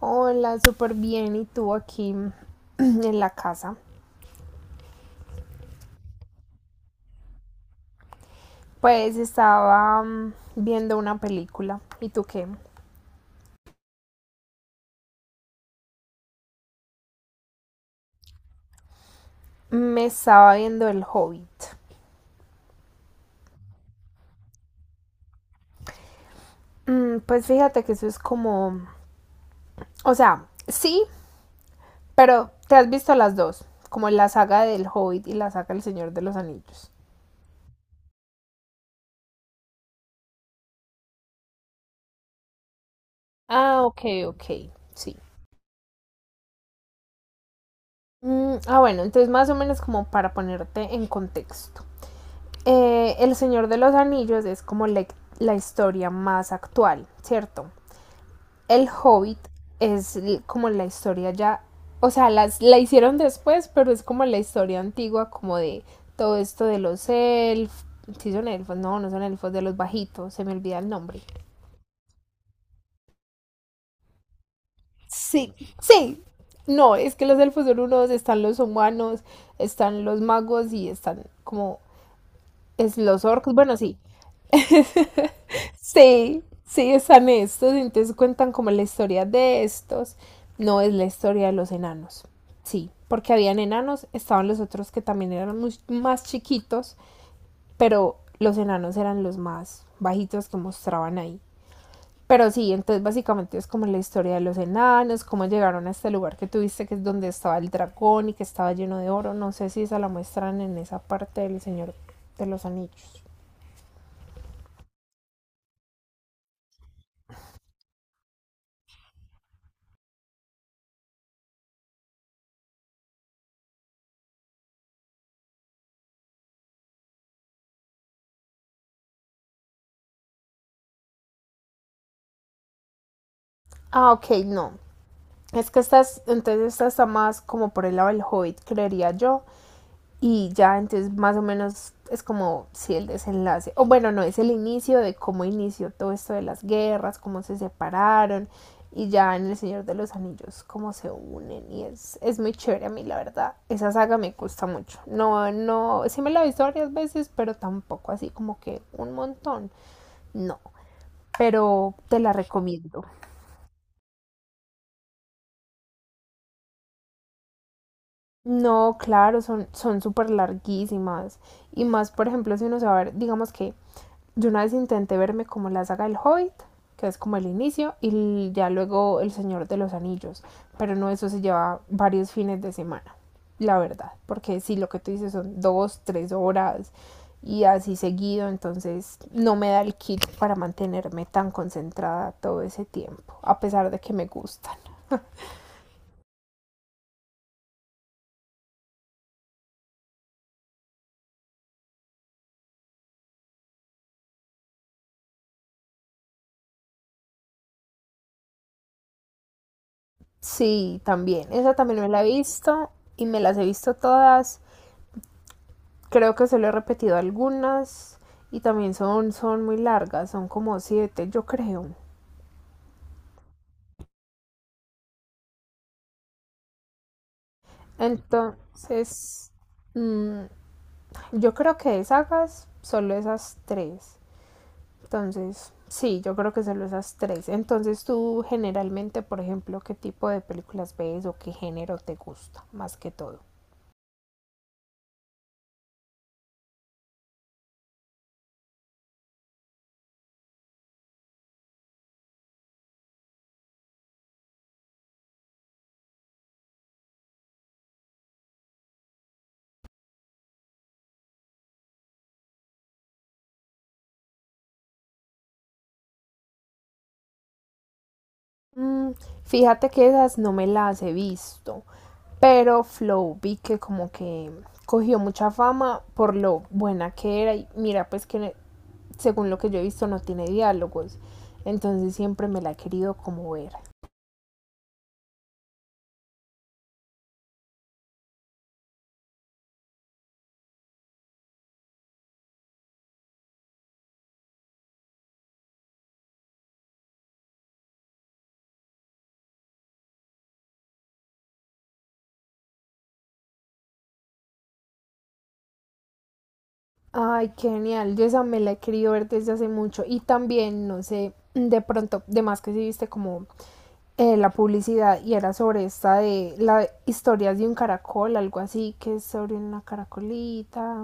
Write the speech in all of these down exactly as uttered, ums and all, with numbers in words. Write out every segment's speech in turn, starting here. Hola, súper bien. ¿Y tú aquí en la casa? Pues estaba mm, viendo una película. ¿Y tú qué? Me estaba viendo El Hobbit. Mm, Pues fíjate que eso es como... O sea, sí, pero te has visto las dos. Como la saga del Hobbit y la saga del Señor de los Anillos. Ah, ok, ok, sí. Mm, ah, bueno, entonces más o menos como para ponerte en contexto. eh, El Señor de los Anillos es como le- la historia más actual, ¿cierto? El Hobbit es como la historia ya, o sea, las, la hicieron después, pero es como la historia antigua, como de todo esto de los elfos, sí son elfos, no, no son elfos, de los bajitos, se me olvida el nombre. Sí, sí. No, es que los elfos son unos, están los humanos, están los magos y están como es los orcos, bueno, sí, sí, sí, están estos, entonces cuentan como la historia de estos, no es la historia de los enanos. Sí, porque habían enanos, estaban los otros que también eran muy- más chiquitos, pero los enanos eran los más bajitos que mostraban ahí. Pero sí, entonces básicamente es como la historia de los enanos, cómo llegaron a este lugar que tuviste, que es donde estaba el dragón y que estaba lleno de oro. No sé si esa la muestran en esa parte del Señor de los Anillos. Ah, ok, no. Es que estas entonces esta está más como por el lado del Hobbit, creería yo. Y ya, entonces más o menos es como si sí, el desenlace, o bueno, no, es el inicio de cómo inició todo esto de las guerras, cómo se separaron, y ya en El Señor de los Anillos, cómo se unen, y es, es muy chévere a mí, la verdad. Esa saga me gusta mucho. No, no, sí me la he visto varias veces, pero tampoco así como que un montón. No, pero te la recomiendo. No, claro, son son súper larguísimas. Y más, por ejemplo, si uno se va a ver, digamos que yo una vez intenté verme como la saga del Hobbit, que es como el inicio, y l- ya luego El Señor de los Anillos. Pero no, eso se lleva varios fines de semana, la verdad. Porque si lo que tú dices son dos, tres horas y así seguido, entonces no me da el kit para mantenerme tan concentrada todo ese tiempo, a pesar de que me gustan. Sí, también. Esa también me la he visto y me las he visto todas. Creo que solo he repetido algunas y también son, son muy largas, son como siete, yo creo. Entonces, mm, yo creo que de sagas solo esas tres. Entonces, sí, yo creo que solo esas tres. Entonces, tú generalmente, por ejemplo, ¿qué tipo de películas ves o qué género te gusta más que todo? Mm, Fíjate que esas no me las he visto, pero Flow vi que como que cogió mucha fama por lo buena que era y mira pues que según lo que yo he visto no tiene diálogos, entonces siempre me la he querido como ver. Ay, qué genial, yo esa me la he querido ver desde hace mucho y también, no sé, de pronto, de más que si viste como eh, la publicidad y era sobre esta de las historias de un caracol, algo así, que es sobre una caracolita.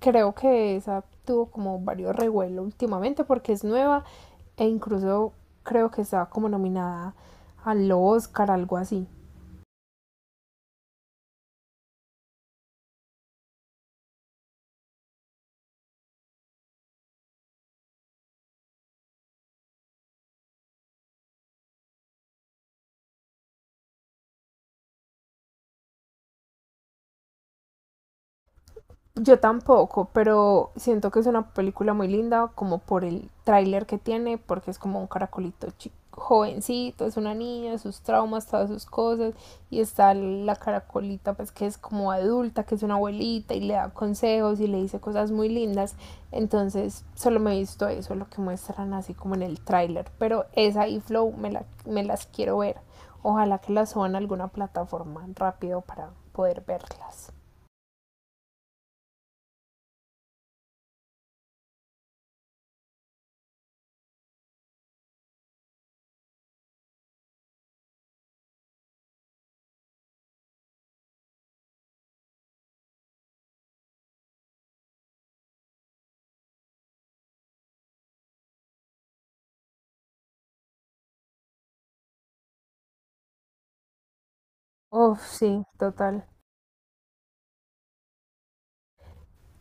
Creo que esa tuvo como varios revuelos últimamente porque es nueva e incluso creo que estaba como nominada al Oscar, algo así. Yo tampoco, pero siento que es una película muy linda, como por el tráiler que tiene, porque es como un caracolito chico, jovencito, es una niña, sus traumas, todas sus cosas, y está la caracolita, pues que es como adulta, que es una abuelita, y le da consejos y le dice cosas muy lindas. Entonces, solo me he visto eso, lo que muestran así como en el tráiler, pero esa y Flow me, la, me las quiero ver. Ojalá que las suban a alguna plataforma rápido para poder verlas. Uf, sí, total.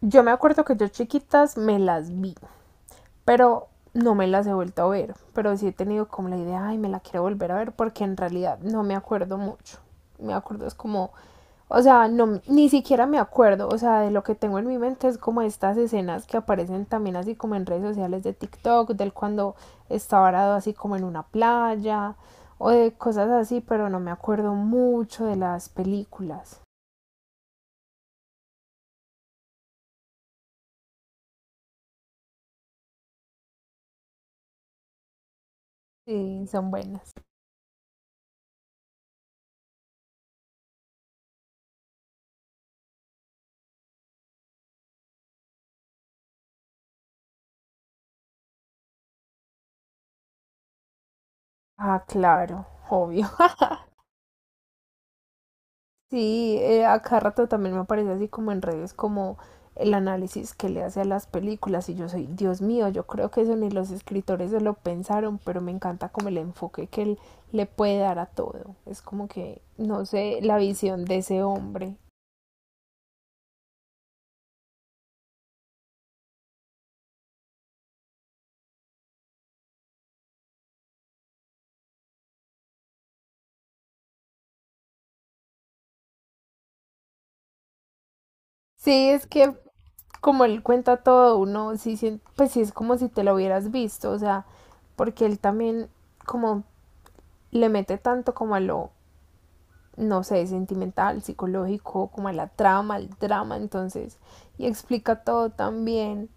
Yo me acuerdo que yo chiquitas me las vi, pero no me las he vuelto a ver. Pero sí he tenido como la idea, ay, me la quiero volver a ver, porque en realidad no me acuerdo mucho. Me acuerdo es como, o sea, no, ni siquiera me acuerdo, o sea, de lo que tengo en mi mente es como estas escenas que aparecen también así como en redes sociales de TikTok, del cuando está varado así como en una playa o de cosas así, pero no me acuerdo mucho de las películas. Sí, son buenas. Ah, claro, obvio. Sí, eh, a cada rato también me aparece así como en redes, como el análisis que le hace a las películas. Y yo soy, Dios mío, yo creo que eso ni los escritores se lo pensaron, pero me encanta como el enfoque que él le puede dar a todo. Es como que, no sé, la visión de ese hombre. Sí, es que como él cuenta todo, uno sí sien- pues sí es como si te lo hubieras visto, o sea, porque él también como le mete tanto como a lo no sé, sentimental, psicológico, como a la trama, al drama, entonces, y explica todo tan bien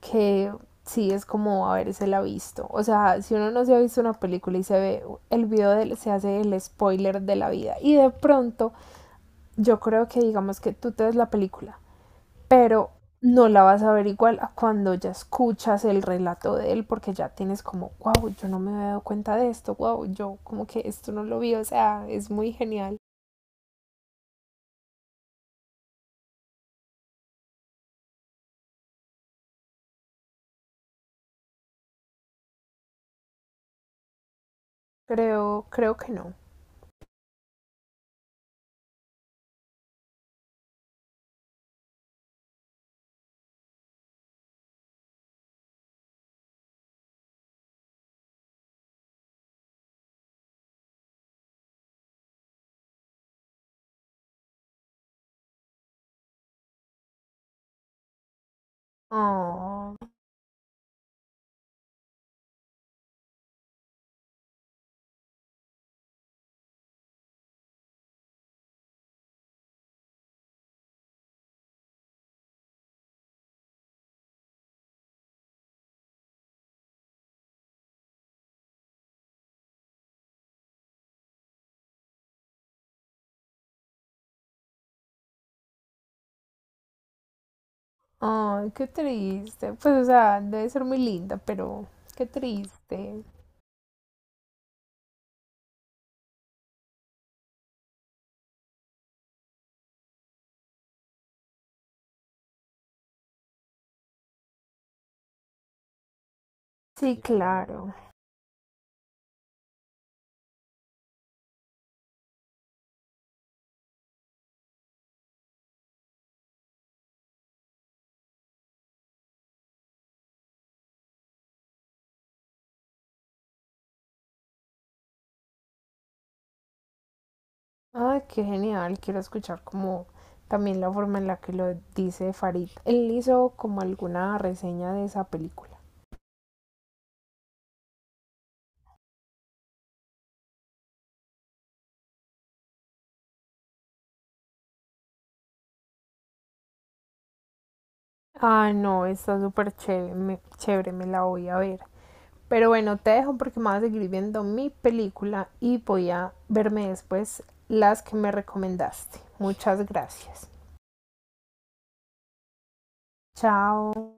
que sí es como haberse la visto. O sea, si uno no se ha visto una película y se ve el video, de, se hace el spoiler de la vida. Y de pronto, yo creo que digamos que tú te ves la película, pero no la vas a ver igual a cuando ya escuchas el relato de él, porque ya tienes como, wow, yo no me había dado cuenta de esto, wow, yo como que esto no lo vi, o sea, es muy genial. Creo, creo que no. Oh, ay, qué triste. Pues, o sea, debe ser muy linda, pero qué triste. Sí, claro. Ay, qué genial. Quiero escuchar como también la forma en la que lo dice Farid. Él hizo como alguna reseña de esa película. Ah, no, está súper chévere, me, chévere, me la voy a ver. Pero bueno, te dejo porque me voy a seguir viendo mi película y voy a verme después las que me recomendaste. Muchas gracias. Chao.